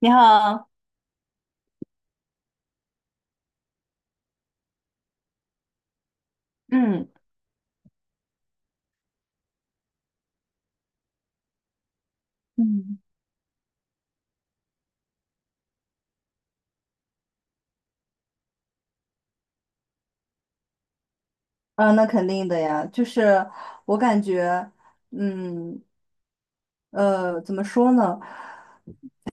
你好，嗯嗯，嗯，那肯定的呀，就是我感觉，嗯怎么说呢？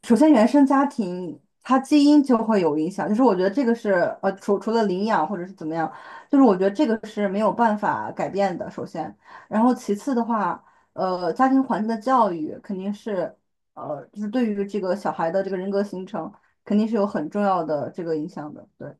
首先，原生家庭它基因就会有影响，就是我觉得这个是除了领养或者是怎么样，就是我觉得这个是没有办法改变的。首先，然后其次的话，家庭环境的教育肯定是就是对于这个小孩的这个人格形成，肯定是有很重要的这个影响的。对。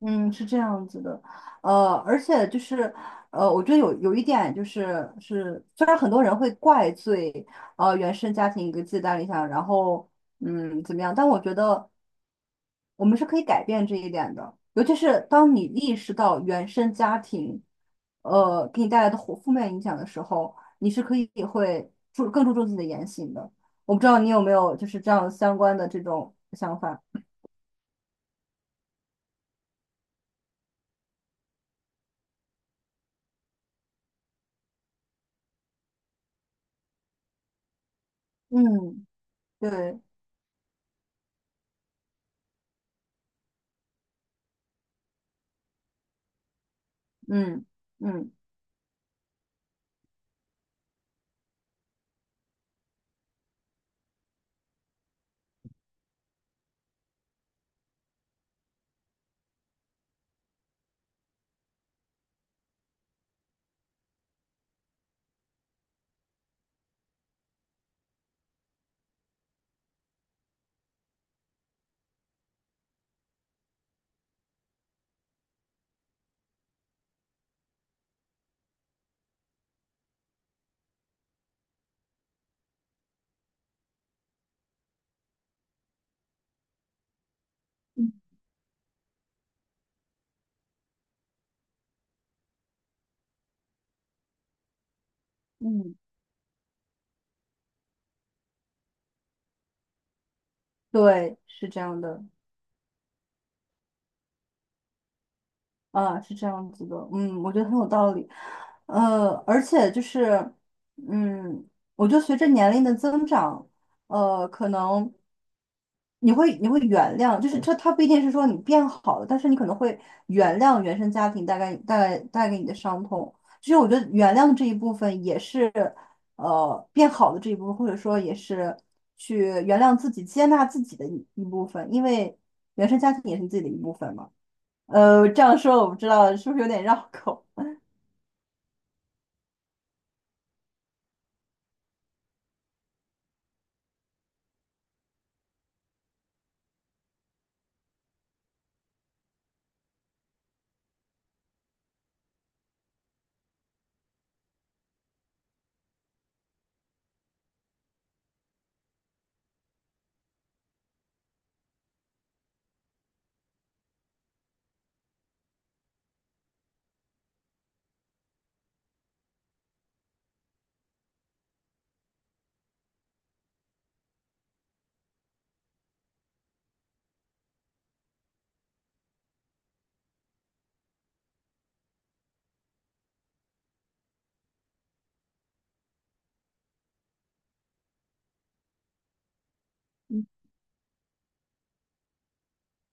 嗯，是这样子的，而且就是，我觉得有一点就是是，虽然很多人会怪罪原生家庭给自己带来影响，然后怎么样，但我觉得我们是可以改变这一点的，尤其是当你意识到原生家庭给你带来的负面影响的时候，你是可以会更注重自己的言行的。我不知道你有没有就是这样相关的这种想法？嗯，对，嗯嗯。嗯，对，是这样的，啊，是这样子的，嗯，我觉得很有道理，而且就是，嗯，我觉得随着年龄的增长，可能你会原谅，就是这它不一定是说你变好了，但是你可能会原谅原生家庭带给你的伤痛，其实我觉得原谅这一部分也是，变好的这一部分，或者说也是去原谅自己、接纳自己的一部分，因为原生家庭也是你自己的一部分嘛。这样说我不知道是不是有点绕口。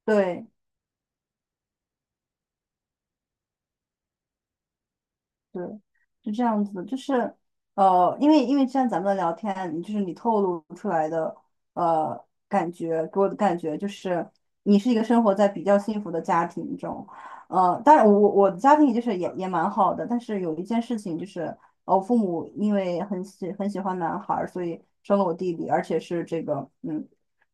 对，对，是这样子的，就是因为像咱们的聊天，就是你透露出来的感觉，给我的感觉就是你是一个生活在比较幸福的家庭中，当然我的家庭就是也蛮好的，但是有一件事情就是，我父母因为很喜欢男孩儿，所以生了我弟弟，而且是这个嗯，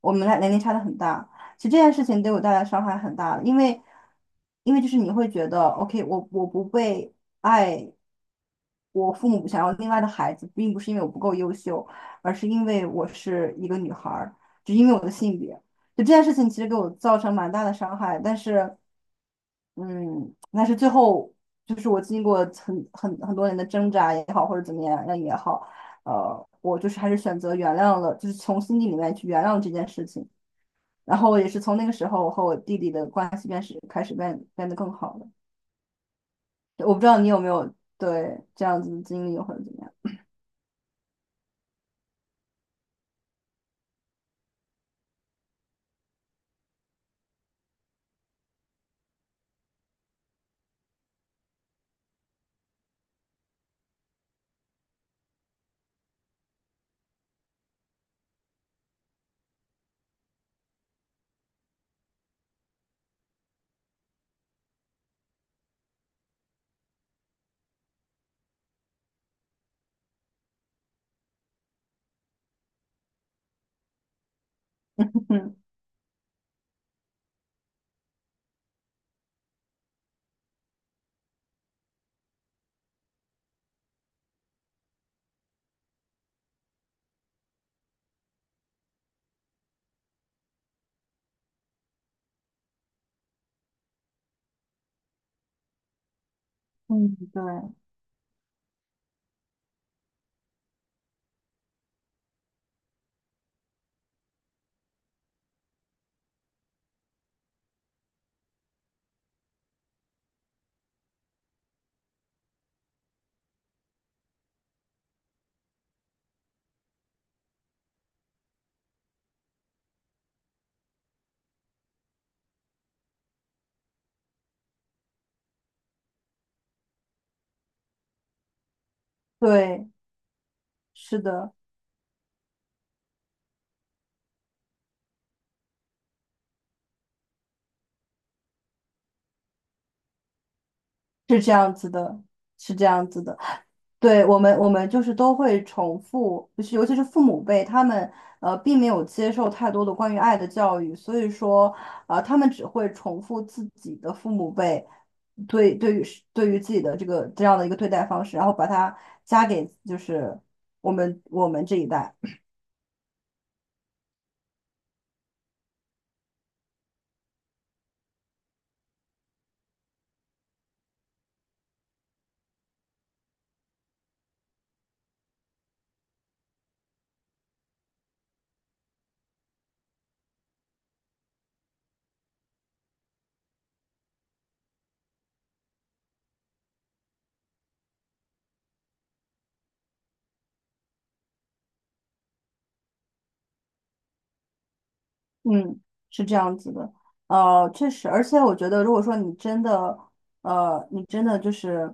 我们俩年龄差的很大，其实这件事情对我带来伤害很大的因为就是你会觉得，OK,我不被。爱我父母想要另外的孩子，并不是因为我不够优秀，而是因为我是一个女孩儿，只因为我的性别。就这件事情其实给我造成蛮大的伤害，但是，嗯，但是最后就是我经过很多年的挣扎也好，或者怎么样也好，我就是还是选择原谅了，就是从心底里面去原谅这件事情。然后也是从那个时候，我和我弟弟的关系开始变得更好了。我不知道你有没有对这样子的经历或者怎么样。嗯嗯，对对，是的，是这样子的，是这样子的。对我们，我们就是都会重复，就是尤其是父母辈，他们并没有接受太多的关于爱的教育，所以说他们只会重复自己的父母辈对于自己的这个这样的一个对待方式，然后把它加给就是我们这一代。嗯，是这样子的，确实，而且我觉得，如果说你真的，你真的就是，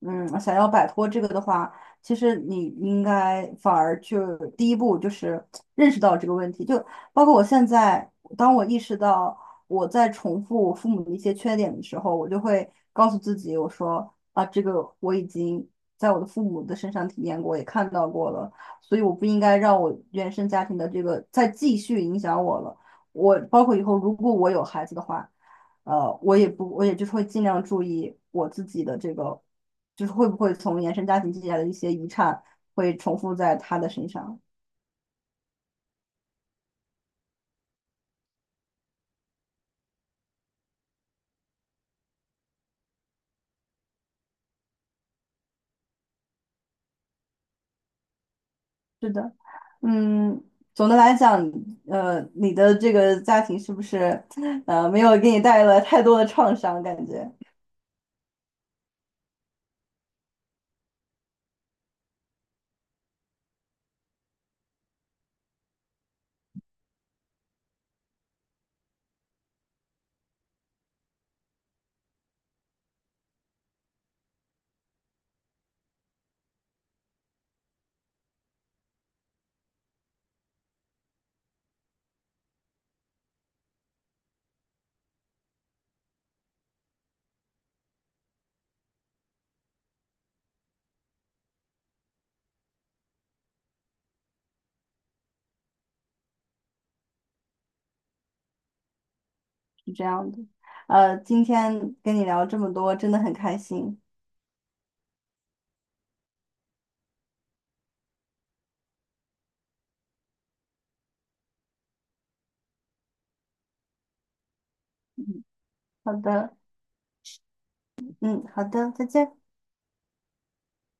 嗯，想要摆脱这个的话，其实你应该反而就第一步就是认识到这个问题，就包括我现在，当我意识到我在重复我父母的一些缺点的时候，我就会告诉自己，我说啊，这个我已经在我的父母的身上体验过，也看到过了。所以我不应该让我原生家庭的这个再继续影响我了。我包括以后如果我有孩子的话，我也不，我也就是会尽量注意我自己的这个，就是会不会从原生家庭积累的一些遗产会重复在他的身上。是的，嗯，总的来讲，你的这个家庭是不是，没有给你带来太多的创伤？感觉是这样的。今天跟你聊这么多，真的很开心。嗯好的。嗯，好的，再见。